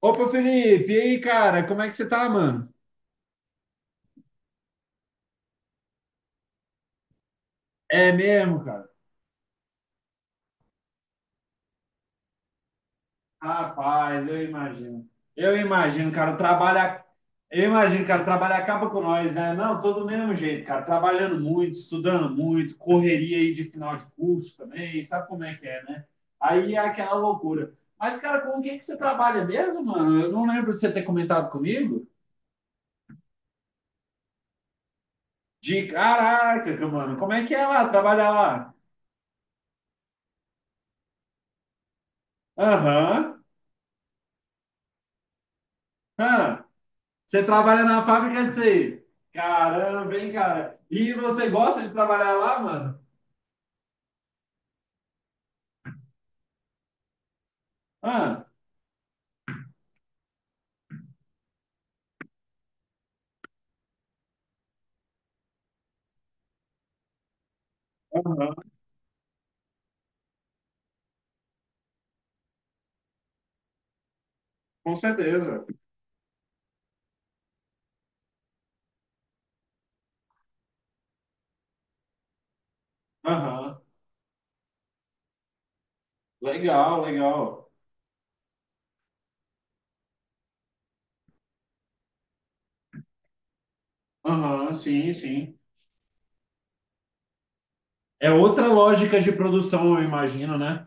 Opa, Felipe, e aí, cara, como é que você tá, mano? É mesmo, cara? Rapaz, eu imagino. Eu imagino, cara, o trabalho. Eu imagino, cara, o trabalho acaba com nós, né? Não, todo do mesmo jeito, cara. Trabalhando muito, estudando muito, correria aí de final de curso também, sabe como é que é, né? Aí é aquela loucura. Mas, cara, com o que que você trabalha mesmo, mano? Eu não lembro de você ter comentado comigo. De caraca, mano, como é que é lá? Trabalhar lá? Aham. Aham. Você trabalha na fábrica disso aí. Caramba, hein, cara? E você gosta de trabalhar lá, mano? Ah, aham, com certeza. Aham, legal, legal. Aham, sim, sim. É outra lógica de produção, eu imagino, né?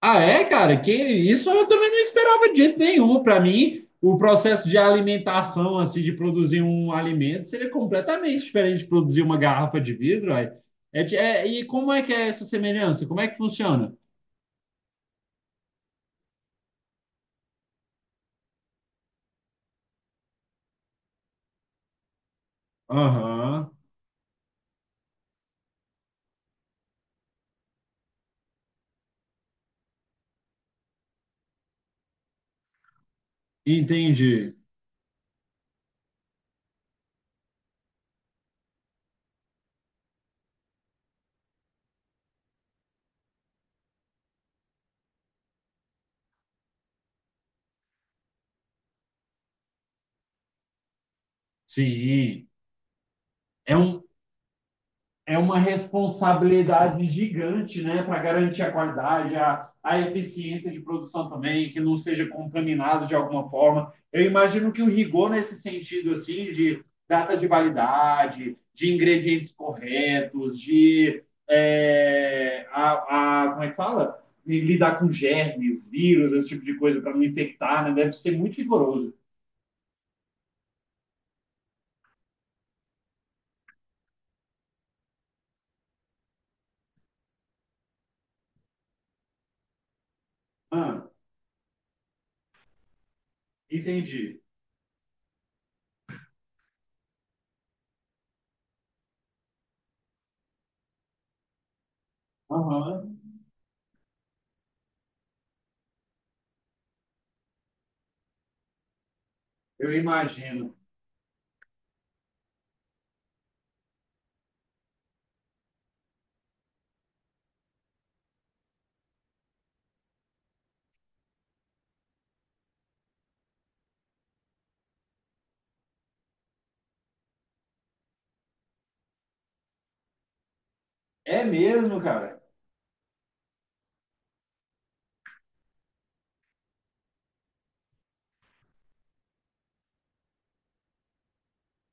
Ah, é, cara? Que isso eu também não esperava de jeito nenhum. Para mim, o processo de alimentação, assim, de produzir um alimento, seria completamente diferente de produzir uma garrafa de vidro, aí. E como é que é essa semelhança? Como é que funciona? Aham. Entendi. Sim. É um, É uma responsabilidade gigante, né, para garantir a qualidade, a eficiência de produção também, que não seja contaminado de alguma forma. Eu imagino que o rigor nesse sentido, assim, de data de validade, de ingredientes corretos, de é, a- como é que fala? De lidar com germes, vírus, esse tipo de coisa para não infectar, né? Deve ser muito rigoroso. Ah, entendi. Aham. Eu imagino. É mesmo, cara?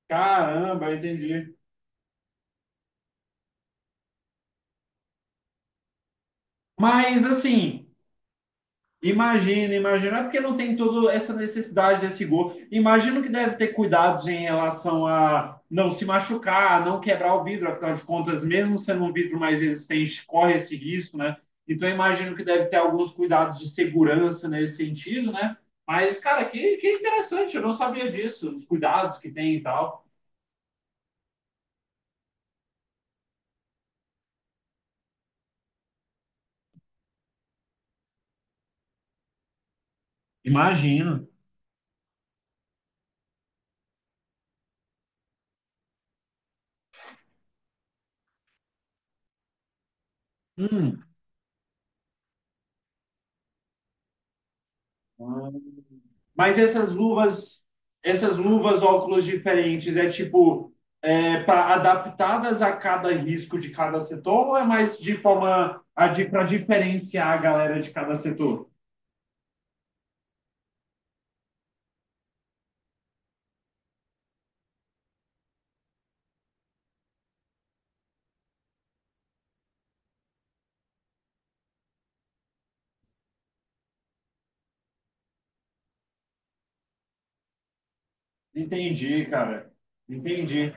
Caramba, entendi. Mas assim, imagina, imagina, é porque não tem toda essa necessidade desse gol. Imagino que deve ter cuidados em relação a não se machucar, não quebrar o vidro, afinal de contas, mesmo sendo um vidro mais resistente, corre esse risco, né? Então imagino que deve ter alguns cuidados de segurança nesse sentido, né? Mas, cara, que interessante, eu não sabia disso, os cuidados que tem e tal. Imagino. Hum. Ah, mas essas luvas, óculos diferentes, para adaptadas a cada risco de cada setor ou é mais de forma para diferenciar a galera de cada setor? Entendi, cara. Entendi.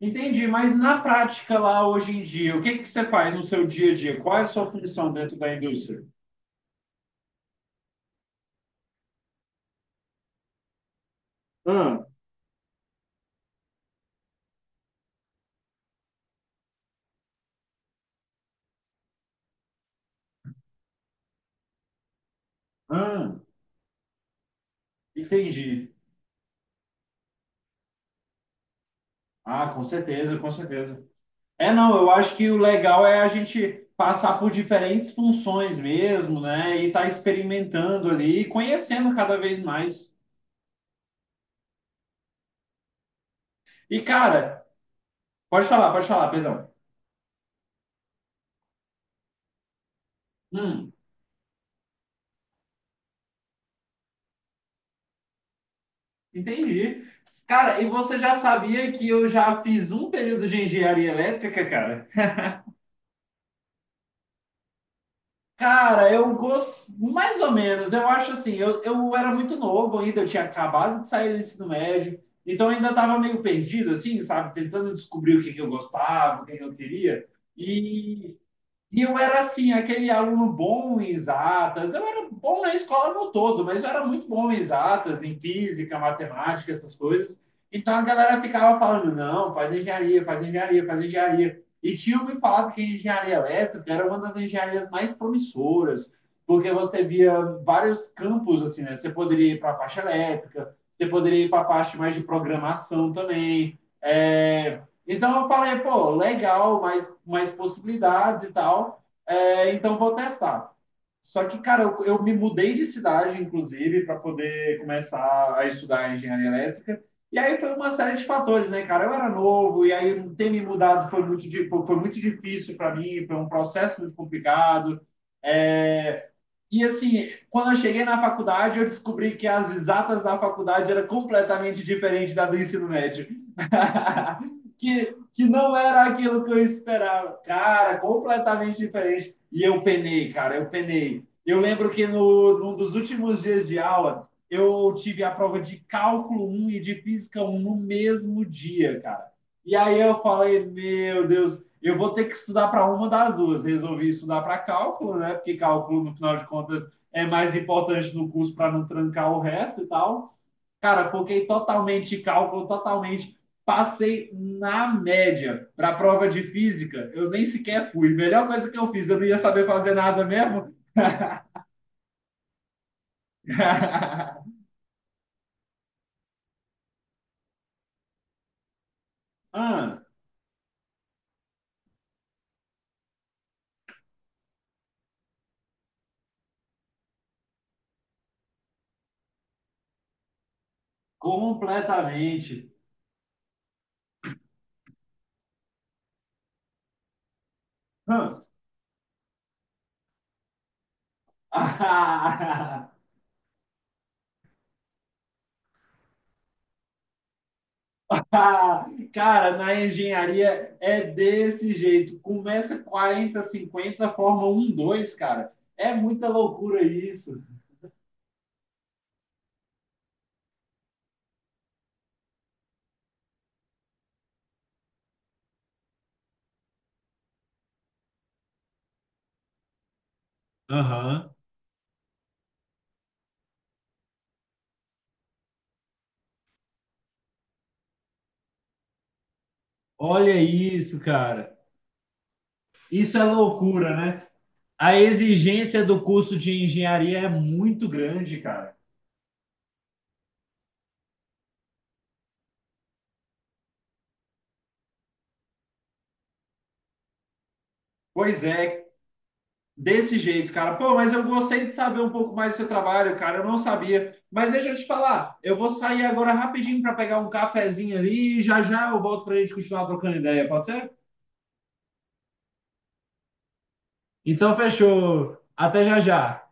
Entendi, mas na prática lá hoje em dia, o que que você faz no seu dia a dia? Qual é a sua função dentro da indústria? Ah, ah, entendi. Ah, com certeza, com certeza. É, não, eu acho que o legal é a gente passar por diferentes funções mesmo, né? E tá experimentando ali e conhecendo cada vez mais. E, cara, pode falar, perdão. Hum, entendi. Cara, e você já sabia que eu já fiz um período de engenharia elétrica, cara? Cara, eu gosto mais ou menos. Eu acho assim, eu era muito novo ainda, eu tinha acabado de sair do ensino médio, então eu ainda estava meio perdido, assim, sabe? Tentando descobrir o que que eu gostava, o que que eu queria. E eu era assim, aquele aluno bom em exatas. Eu era bom na escola no todo, mas eu era muito bom em exatas, em física, matemática, essas coisas. Então a galera ficava falando: não, faz engenharia, faz engenharia, faz engenharia. E tinham me falado que a engenharia elétrica era uma das engenharias mais promissoras, porque você via vários campos assim, né? Você poderia ir para a parte elétrica, você poderia ir para a parte mais de programação também. É, então eu falei, pô, legal, mais possibilidades e tal. É, então vou testar. Só que, cara, eu me mudei de cidade, inclusive, para poder começar a estudar engenharia elétrica. E aí foi uma série de fatores, né, cara? Eu era novo, e aí ter me mudado foi muito difícil para mim, foi um processo muito complicado. É, e assim, quando eu cheguei na faculdade, eu descobri que as exatas da faculdade era completamente diferente da do ensino médio. Que não era aquilo que eu esperava. Cara, completamente diferente. E eu penei, cara, eu penei. Eu lembro que no, num dos últimos dias de aula, eu tive a prova de cálculo um e de física um no mesmo dia, cara. E aí eu falei, meu Deus, eu vou ter que estudar para uma das duas. Resolvi estudar para cálculo, né? Porque cálculo, no final de contas, é mais importante no curso para não trancar o resto e tal. Cara, foquei totalmente em cálculo, totalmente. Passei na média para a prova de física. Eu nem sequer fui. Melhor coisa que eu fiz, eu não ia saber fazer nada mesmo. ah, completamente. Ah. Ah, cara, na engenharia é desse jeito. Começa 40, 50, forma 1, 2, cara. É muita loucura isso. Aham. Olha isso, cara. Isso é loucura, né? A exigência do curso de engenharia é muito grande, cara. Pois é, desse jeito, cara. Pô, mas eu gostei de saber um pouco mais do seu trabalho, cara. Eu não sabia. Mas deixa eu te falar, eu vou sair agora rapidinho para pegar um cafezinho ali e já já eu volto para a gente continuar trocando ideia, pode ser? Então, fechou. Até já já.